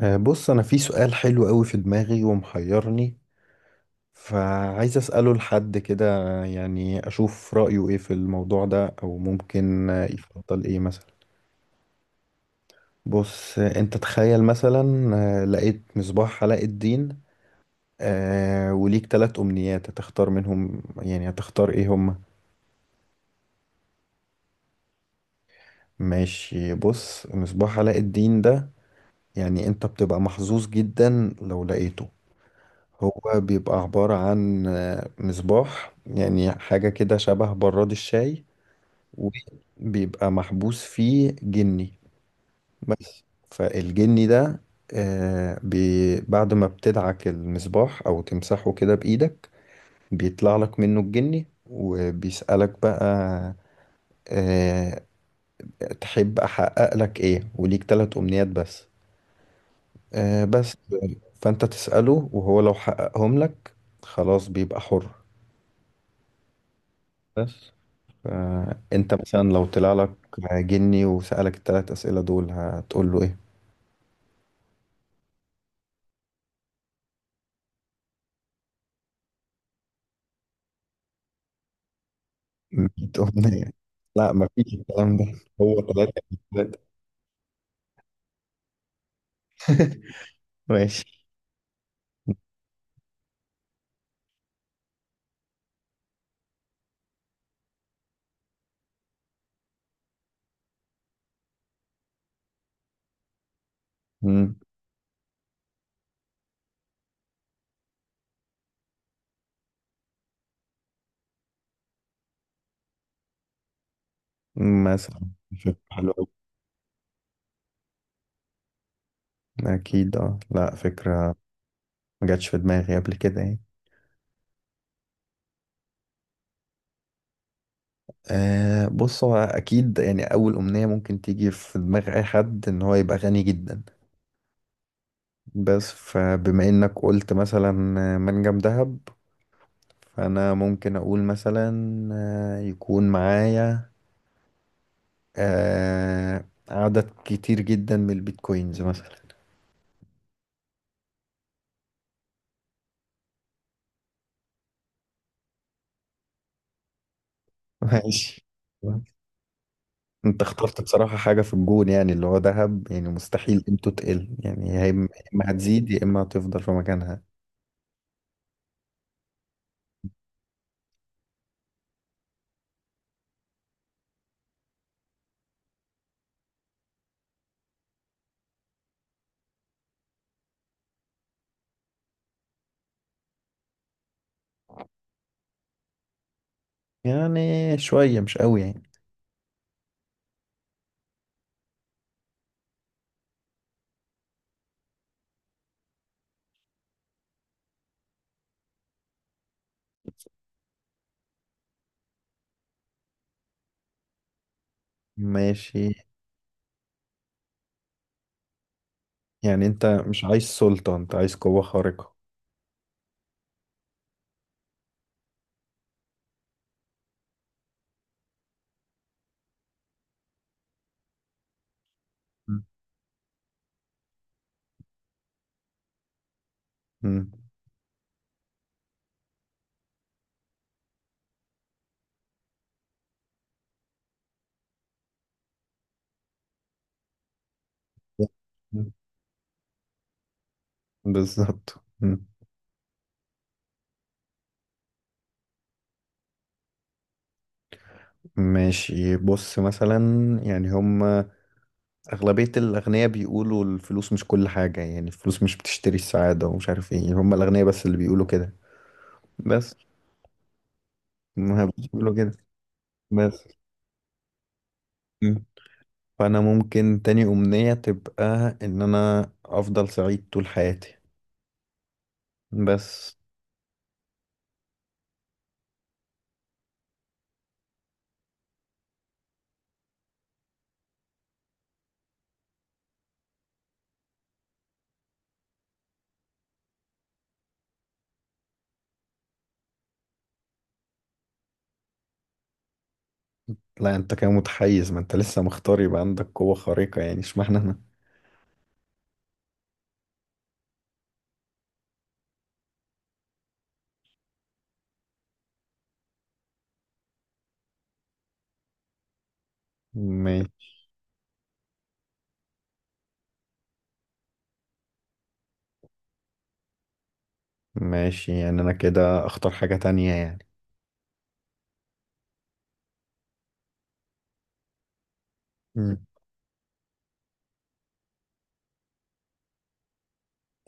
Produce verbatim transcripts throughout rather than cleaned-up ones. آه، بص انا في سؤال حلو قوي في دماغي ومحيرني، فعايز اساله لحد كده. يعني اشوف رايه ايه في الموضوع ده او ممكن آه، يفضل ايه مثلا. بص، آه، انت تخيل مثلا آه، لقيت مصباح علاء الدين، آه، وليك ثلاث امنيات، هتختار منهم يعني هتختار ايه هما؟ ماشي. بص، مصباح علاء الدين ده يعني انت بتبقى محظوظ جدا لو لقيته. هو بيبقى عبارة عن آه، مصباح، يعني حاجة كده شبه براد الشاي، وبيبقى محبوس فيه جني. بس. فالجني ده، آه، بي بعد ما بتدعك المصباح أو تمسحه كده بإيدك بيطلع لك منه الجني وبيسألك بقى آه، تحب أحقق لك إيه، وليك تلات أمنيات بس. آه، بس فأنت تسأله وهو لو حققهم لك خلاص بيبقى حر. بس. فانت مثلا لو طلع لك جني وسألك الثلاث أسئلة دول هتقول له ايه؟ مية أمنية؟ لا، مفيش الكلام ده. هو ثلاثة. ثلاثة. ماشي. مم. مثلا. فكرة حلوة أوي. أكيد اه، لا فكرة ما جاتش في دماغي قبل كده يعني. آه بص، هو أكيد يعني أول أمنية ممكن تيجي في دماغ أي حد إن هو يبقى غني جدا. بس فبما إنك قلت مثلا منجم ذهب، فانا ممكن اقول مثلا آه، يكون معايا آه، عدد كتير جدا من البيتكوينز مثلا. ماشي. انت اخترت بصراحة حاجة في الجون، يعني اللي هو ذهب يعني مستحيل قيمته تقل، يعني يا اما، يا إما هتزيد يا اما هتفضل في مكانها. يعني شوية مش قوي يعني. ماشي. يعني انت مش عايز سلطة، انت عايز قوة خارقة. مم. مم. بالظبط. مم. ماشي بص مثلا، يعني هما أغلبية الأغنياء بيقولوا الفلوس مش كل حاجة، يعني الفلوس مش بتشتري السعادة ومش عارف ايه، هم الأغنياء بس اللي بيقولوا كده. بس ما بيقولوا كده. بس. مم. فأنا ممكن تاني أمنية تبقى إن أنا أفضل سعيد طول حياتي. بس لا، أنت كده متحيز، ما أنت لسه مختار يبقى عندك قوة خارقة، يعني اشمعنى أنا؟ ماشي. ماشي. يعني أنا كده أختار حاجة تانية يعني. مم.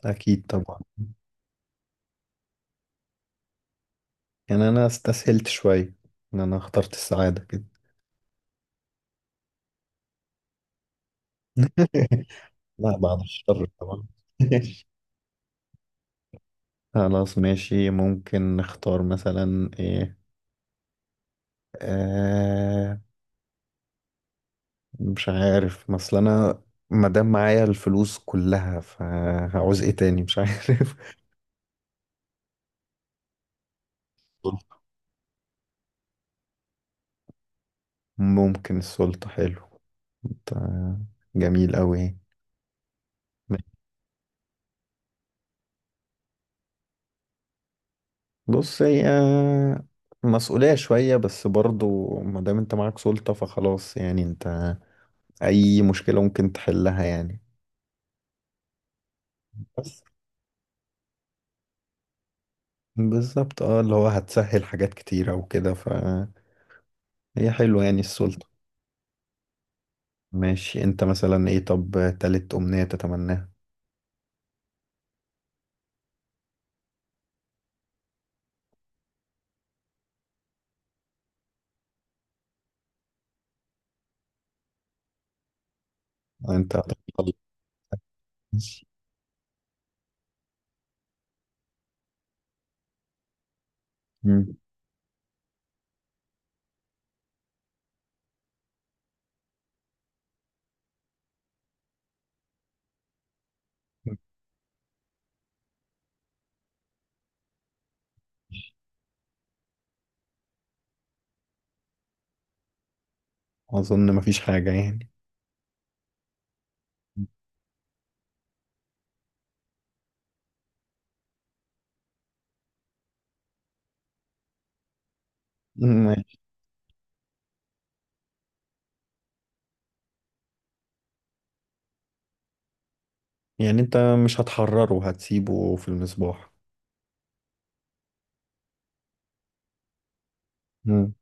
أكيد طبعا. يعني أنا استسهلت شوية إن أنا اخترت السعادة كده. لا، بعد الشر طبعا. خلاص ماشي، ممكن نختار مثلا ايه. آه مش عارف مثلا انا، مادام معايا الفلوس كلها فهعوز ايه تاني، مش عارف. ممكن السلطة، حلو. آه، جميل قوي. بص هي مسؤولية شوية، بس برضو مادام انت معاك سلطة فخلاص، يعني انت اي مشكلة ممكن تحلها يعني. بس بالظبط، اه، اللي هو هتسهل حاجات كتيرة وكده، فهي حلوة يعني السلطة. ماشي. انت مثلا ايه طب تالت أمنية تتمناها؟ انت هتختار. مم. أظن مفيش حاجة يعني. مم. يعني انت مش هتحرره، هتسيبه في المصباح. مم.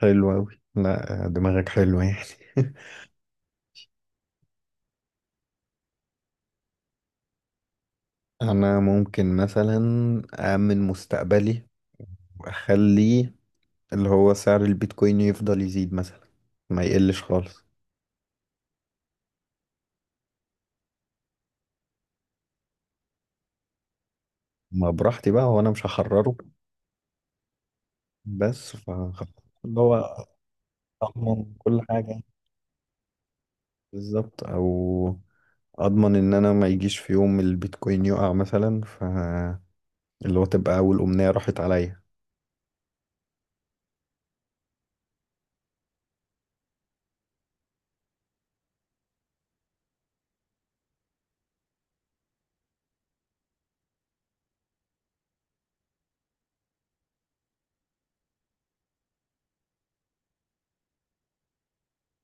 حلو أوي، لا دماغك حلوة يعني. أنا ممكن مثلا أأمن مستقبلي وأخلي اللي هو سعر البيتكوين يفضل يزيد مثلا، ما يقلش خالص. ما براحتي بقى، هو انا مش هحرره. بس فخلاص، اللي هو اضمن كل حاجة. بالظبط. او اضمن ان انا ما يجيش في يوم البيتكوين يقع مثلا، ف اللي هو تبقى اول امنية راحت عليا.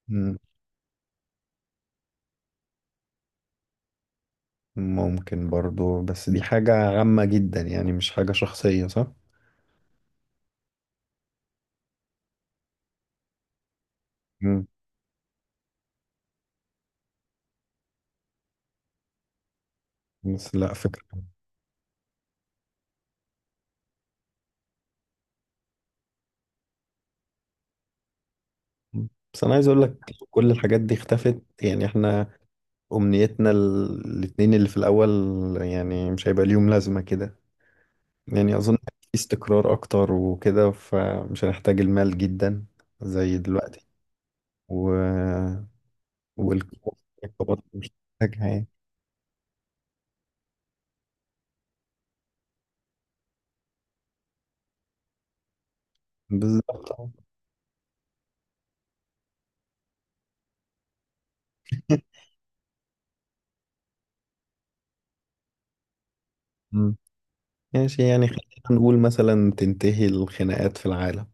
مم. ممكن برضو، بس دي حاجة عامة جدا يعني، مش حاجة شخصية، صح؟ مم. بس لا فكرة. مم. بس انا عايز اقول لك كل الحاجات دي اختفت يعني، احنا امنيتنا ال- الاتنين اللي في الاول يعني مش هيبقى ليهم لازمة كده، يعني أظن في استقرار أكتر وكده فمش هنحتاج المال جدا زي دلوقتي، و... والكبار مش هنحتاجها يعني. بالظبط أه. مم. ماشي، يعني خلينا نقول مثلا تنتهي الخناقات في العالم.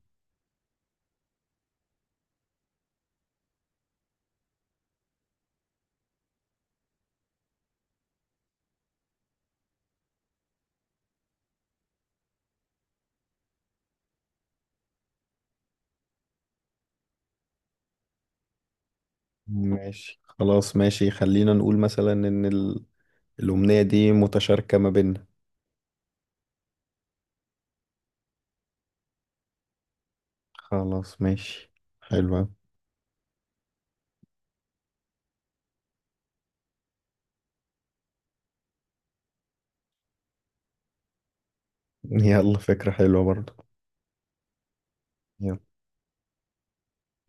ماشي خلاص، ماشي خلينا نقول مثلا إن ال... الأمنية دي متشاركة ما بيننا. خلاص ماشي، حلوة. يلا فكرة حلوة برضه. يلا.